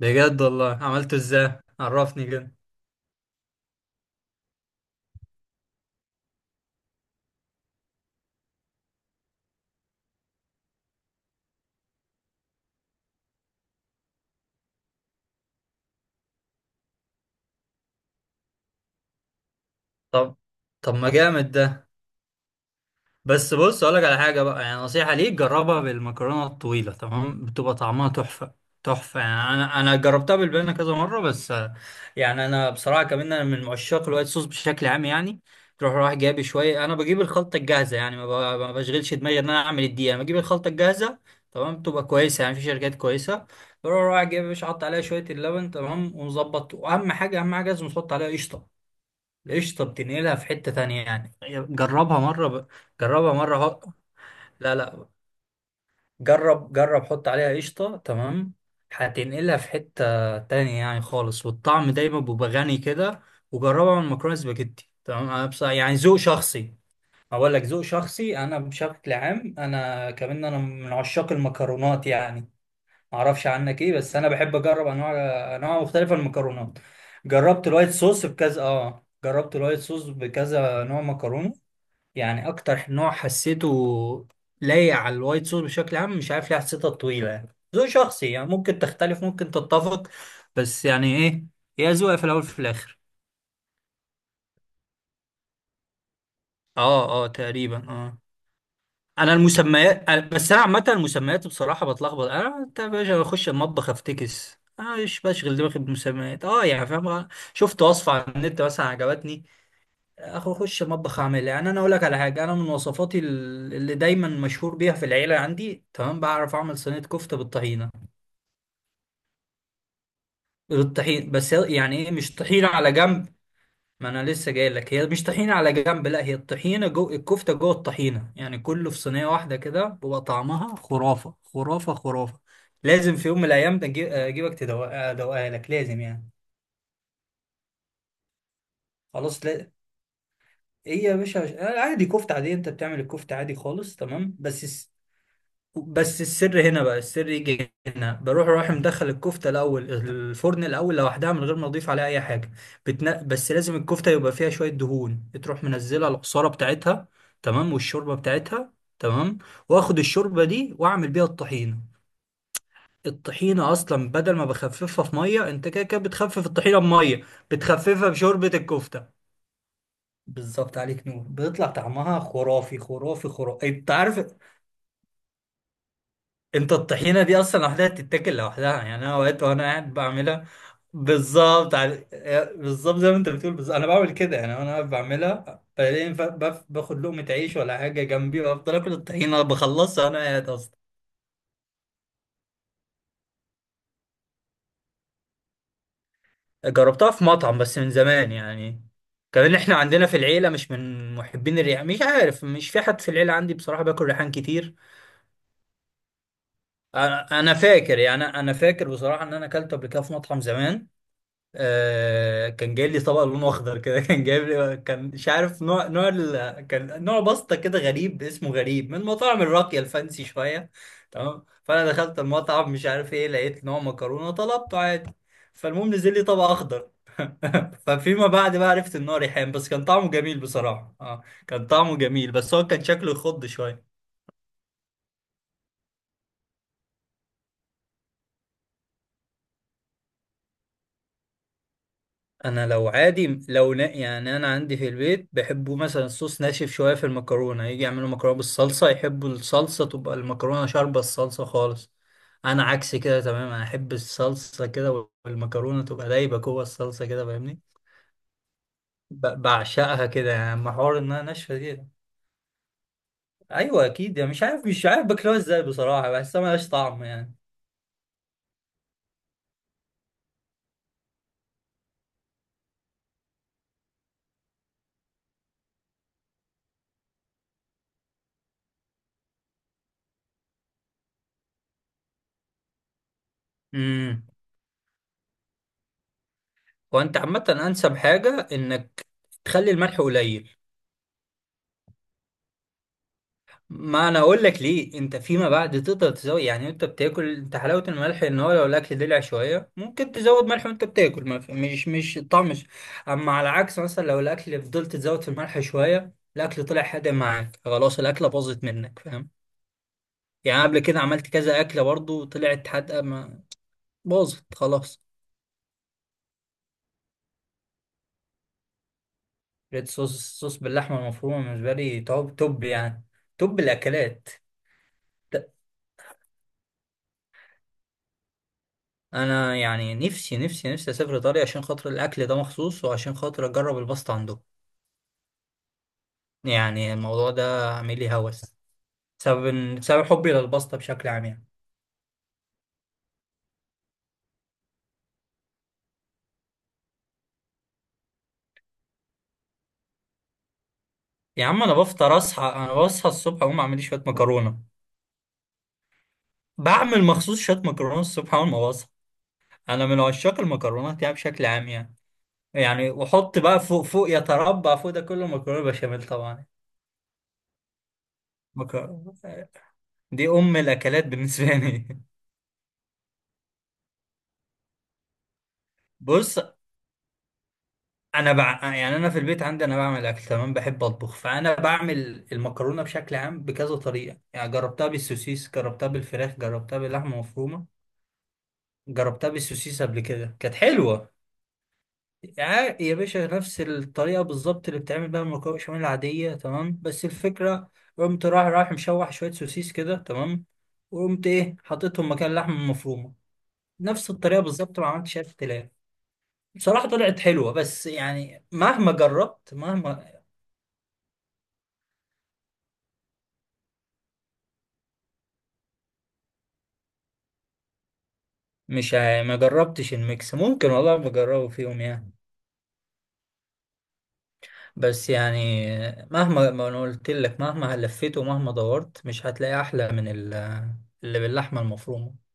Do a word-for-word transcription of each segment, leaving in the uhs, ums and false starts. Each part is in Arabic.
بجد والله عملته ازاي؟ عرفني كده. طب، طب ما جامد ده. بس بص اقول لك على حاجه بقى، يعني نصيحه ليك، جربها بالمكرونه الطويله، تمام؟ بتبقى طعمها تحفه، تحفه. يعني انا انا جربتها بالبنه كذا مره بس آه، يعني انا بصراحه كمان انا من عشاق الوايت صوص بشكل عام. يعني تروح رايح جايب شويه، انا بجيب الخلطه الجاهزه، يعني ما ب- ما بشغلش دماغي ان انا اعمل الدقيقه، انا بجيب الخلطه الجاهزه، تمام؟ بتبقى كويسه، يعني في شركات كويسه. بروح رايح جايب، مش حاطط عليها شويه اللبن، تمام؟ ومظبط. واهم حاجه، اهم حاجه لازم تحط عليها قشطه. قشطة بتنقلها في حتة تانية يعني. جربها مرة ب... جربها مرة هو... لا لا، جرب، جرب حط عليها قشطة تمام، هتنقلها في حتة تانية يعني، خالص. والطعم دايما بيبقى غني كده. وجربها من مكرونة سباجيتي، تمام؟ أنا بص... يعني ذوق شخصي. أقول لك ذوق شخصي، أنا بشكل عام أنا كمان أنا من عشاق المكرونات يعني. معرفش عنك ايه، بس انا بحب اجرب انواع، انواع مختلفه من المكرونات. جربت الوايت صوص بكذا، اه جربت الوايت صوص بكذا نوع مكرونه، يعني اكتر نوع حسيته لايق على الوايت صوص بشكل عام. مش عارف ليه حسيتها طويله، يعني ذوق شخصي، يعني ممكن تختلف ممكن تتفق. بس يعني ايه، هي ذوق في الاول في الاخر. اه، اه، تقريبا اه. انا المسميات أنا- بس انا عامه المسميات بصراحه بتلخبط. انا انت يا باشا بخش المطبخ افتكس، انا مش بشغل دماغي بمسميات، اه يعني فاهم آه، شفت وصفه على النت مثلا عجبتني، اخو اخش المطبخ اعملها. يعني انا اقول لك على حاجه، انا من وصفاتي ال- اللي دايما مشهور بيها في العيله عندي، تمام؟ بعرف اعمل صينيه كفته بالطحينه. بالطحين، بس يعني ايه، مش طحينه على جنب. ما انا لسه جاي لك، هي مش طحينه على جنب، لا هي الطحينه جو الكفته، جوه الطحينه، يعني كله في صينيه واحده كده، بيبقى طعمها خرافه، خرافه، خرافه. لازم في يوم من الايام ده أجي- اجيبك تدوق- ادوقها لك، لازم يعني. خلاص لا. ايه يا باشا، آه، عادي كفته عادي، انت بتعمل الكفته عادي خالص، تمام؟ بس، بس السر هنا بقى، السر يجي هنا، بروح رايح مدخل الكفته الاول الفرن الاول لوحدها من غير ما اضيف عليها اي حاجه. بتن... بس لازم الكفته يبقى فيها شويه دهون، تروح منزلها العصاره بتاعتها، تمام؟ والشوربه بتاعتها، تمام؟ واخد الشوربه دي واعمل بيها الطحينه. الطحينه اصلا بدل ما بخففها في ميه، انت كده كده بتخفف الطحينه بميه، بتخففها بشوربه الكفته. بالظبط، عليك نور. بيطلع طعمها خرافي، خرافي، خرافي، انت عارف. انت الطحينة دي اصلا لوحدها تتاكل لوحدها، يعني انا اوقات وانا قاعد بعملها. بالظبط على... بالظبط زي ما انت بتقول، بالظبط انا بعمل كده. يعني انا قاعد بعملها، بعدين ف- بف- باخد لقمة عيش ولا حاجة جنبي، وافضل اكل الطحينة، بخلصها وانا قاعد اصلا. جربتها في مطعم بس من زمان يعني. كمان احنا عندنا في العيلة مش من محبين الريحان، مش عارف، مش في حد في العيلة عندي بصراحة باكل ريحان كتير. انا أنا فاكر، يعني انا فاكر بصراحة ان انا اكلته قبل كده في مطعم زمان. آه كان جاي لي طبق لونه اخضر كده كان جايب لي، كان مش عارف نوع نوع ال... كان نوع باستا كده غريب، اسمه غريب، من مطاعم الراقيه الفانسي شويه، تمام؟ فانا دخلت المطعم مش عارف ايه، لقيت نوع مكرونه طلبته عادي. فالمهم نزل لي طبق اخضر ففيما بعد بقى عرفت ان هو ريحان، بس كان طعمه جميل بصراحه، اه كان طعمه جميل، بس هو كان شكله يخض شويه. انا لو عادي لو نا يعني انا عندي في البيت بيحبوا مثلا الصوص ناشف شويه في المكرونه، يجي يعملوا مكرونه بالصلصه، يحبوا الصلصه تبقى المكرونه شاربه الصلصه خالص. انا عكس كده تماما، انا احب الصلصه كده والمكرونه تبقى دايبه جوه الصلصه كده، فاهمني؟ ب- بعشقها كده يعني، اما حوار انها ناشفه دي. ايوه اكيد يعني، مش عارف، مش عارف باكلها ازاي بصراحه، بحسها ملهاش طعم يعني. امم وانت عامه انسب حاجه انك تخلي الملح قليل. ما انا اقول لك ليه، انت فيما بعد تقدر تزود، يعني انت بتاكل، انت حلاوه الملح ان هو لو الاكل دلع شويه ممكن تزود ملح وانت بتاكل ما في- مش مش الطعم مش، اما على العكس مثلا لو الاكل فضلت تزود في الملح شويه، الاكل طلع حادق معاك، خلاص الاكله باظت منك، فاهم؟ يعني قبل كده عملت كذا اكله برضو طلعت حادقه، ما باظت خلاص. ريد صوص، الصوص باللحمه المفرومه بالنسبه لي توب، توب يعني، توب الاكلات. انا يعني نفسي، نفسي، نفسي اسافر ايطاليا عشان خاطر الاكل ده مخصوص، وعشان خاطر اجرب الباستا عندهم. يعني الموضوع ده عامل لي هوس بسبب بسبب حبي للباستا بشكل عام يعني. يا عم انا بفطر، اصحى، انا بصحى الصبح اقوم اعمل لي شويه مكرونه، بعمل مخصوص شويه مكرونه الصبح اول ما بصحى. انا من عشاق المكرونات يعني بشكل عام يعني. يعني واحط بقى فوق، فوق، يتربع فوق ده كله مكرونه بشاميل طبعا. مكرونه دي ام الاكلات بالنسبه لي بص انا بع... يعني انا في البيت عندي انا بعمل اكل، تمام؟ بحب اطبخ، فانا بعمل المكرونه بشكل عام بكذا طريقه، يعني جربتها بالسوسيس، جربتها بالفراخ، جربتها باللحمه المفرومه. جربتها بالسوسيس قبل كده كانت حلوه. يا يا باشا نفس الطريقه بالظبط اللي بتعمل بيها المكرونه بشاميل العاديه، تمام؟ بس الفكره قمت رايح رايح مشوح شويه سوسيس كده، تمام؟ وقمت ايه، حطيتهم مكان اللحمه المفرومه، نفس الطريقه بالظبط، ما عملتش اي اختلاف. بصراحة طلعت حلوة، بس يعني مهما جربت، مهما مش عا- ما جربتش الميكس، ممكن والله بجربه فيهم يعني. بس يعني، مهما، ما انا قلت لك، مهما لفيت ومهما دورت مش هتلاقي احلى من ال- اللي باللحمه المفرومه.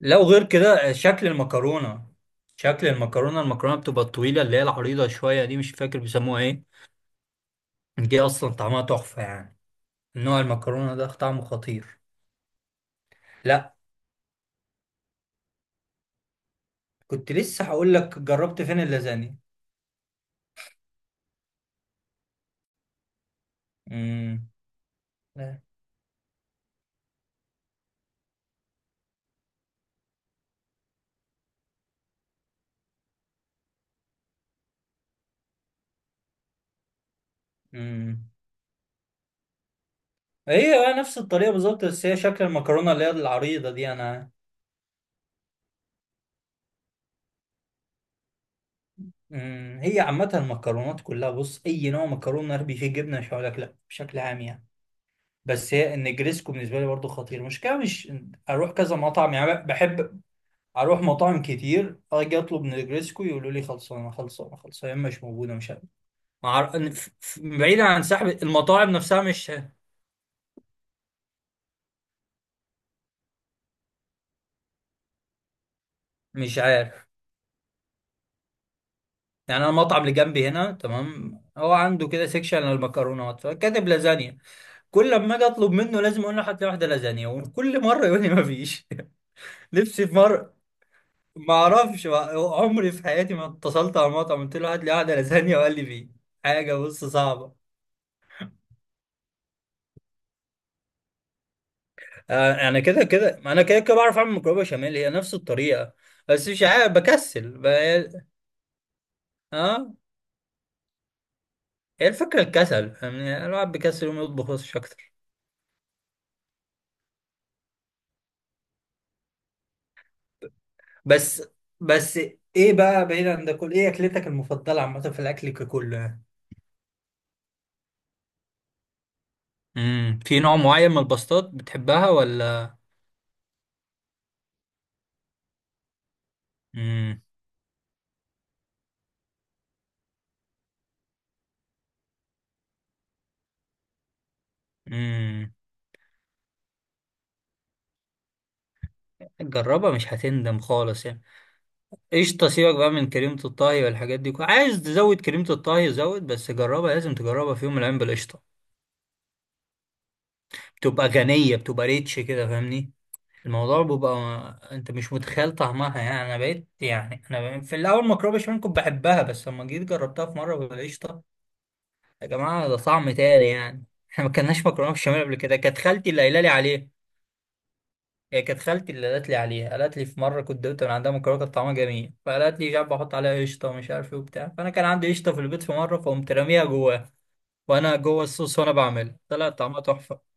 لو غير كده شكل المكرونه، شكل المكرونه، المكرونه بتبقى الطويله اللي هي العريضه شويه دي، مش فاكر بيسموها ايه، دي اصلا طعمها تحفه يعني، نوع المكرونه ده طعمه خطير. لا، كنت لسه هقول لك، جربت فين اللازانيا؟ امم لا. هي نفس الطريقة بالظبط، بس هي شكل المكرونة اللي هي العريضة دي أنا. مم، هي عامة المكرونات كلها، بص أي نوع مكرونة أربي فيه جبنة مش هقولك لأ، بشكل عام يعني. بس هي النجريسكو بالنسبة لي برضو خطير، المشكلة مش، أروح كذا مطعم يعني، بحب أروح مطاعم كتير، أجي أطلب نجريسكو يقولوا لي خلصانة، خلصانة، خلصانة، يا إما مش موجودة، مش عارف. معر- ف- ف- بعيدا عن سحب المطاعم نفسها، مش، مش عارف. يعني أنا المطعم اللي جنبي هنا، تمام؟ هو عنده كده سيكشن للمكرونات، فكاتب لازانيا، كل ما اجي اطلب منه لازم اقول له حتى واحده لازانيا، وكل مره يقول لي ما فيش. نفسي في مره، ما اعرفش ما- عمري في حياتي ما اتصلت على المطعم قلت له هات لي واحده لازانيا وقال لي فيه. حاجه بص صعبه. آه، انا كده كده انا كده كده بعرف اعمل مكرونه بشاميل، هي نفس الطريقه، بس مش عارف بكسل ب... اه، هي الفكره الكسل، يعني الواحد بيكسل وما يطبخش اكتر. بس بس ايه بقى بعيد عن ده كل ايه اكلتك المفضله عامه في الاكل ككله؟ امم في نوع معين من الباستات بتحبها ولا؟ امم امم جربها مش هتندم خالص يعني. قشطة سيبك بقى من كريمة الطهي والحاجات دي، كو- عايز تزود كريمة الطهي زود، بس جربها، لازم تجربها في يوم من الأيام بالقشطة. بتبقى غنية، بتبقى ريتش كده، فاهمني؟ الموضوع بيبقى، انت مش متخيل طعمها يعني، انا بقيت، يعني انا ب- في الاول مكرونه بشاميل كنت بحبها، بس لما جيت جربتها في مره بالقشطه، يا جماعه ده طعم تاني يعني. احنا ما كناش مكرونه بشاميل قبل كده، كانت خالتي اللي قايله لي عليه. هي كانت خالتي اللي قالت لي عليها، قالت لي في مره كنت دوت من عندها مكرونه كانت طعمها جميل، فقالت لي جاب احط عليها قشطه ومش عارف ايه وبتاع، فانا كان عندي قشطه في البيت في مره، فقمت راميها جواها وانا جوه الصوص، وانا بعمل طلع طعمها تحفه.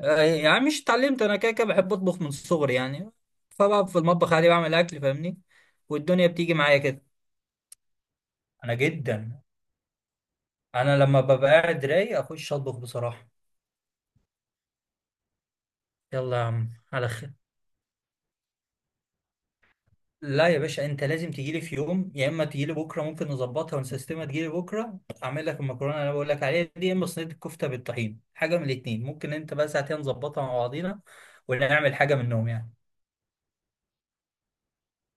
آه، يعني مش اتعلمت، انا كده كده بحب اطبخ من صغري يعني، فبقى في المطبخ عادي بعمل اكل، فاهمني؟ والدنيا بتيجي معايا كده. انا جدا، انا لما ببقى قاعد رايق اخش اطبخ بصراحه. يلا يا عم على خير. لا يا باشا، انت لازم تجيلي في يوم، يا اما تجيلي بكره ممكن نظبطها ونسيستمها، تجيلي بكره اعمل لك المكرونه اللي انا بقول لك عليها دي، يا اما صينيه الكفته بالطحين، حاجه من الاتنين، ممكن انت بقى ساعتين نظبطها مع بعضينا، ولا نعمل حاجه منهم يعني.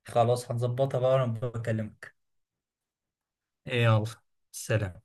خلاص هنظبطها بقى وانا بكلمك. يلا، سلام.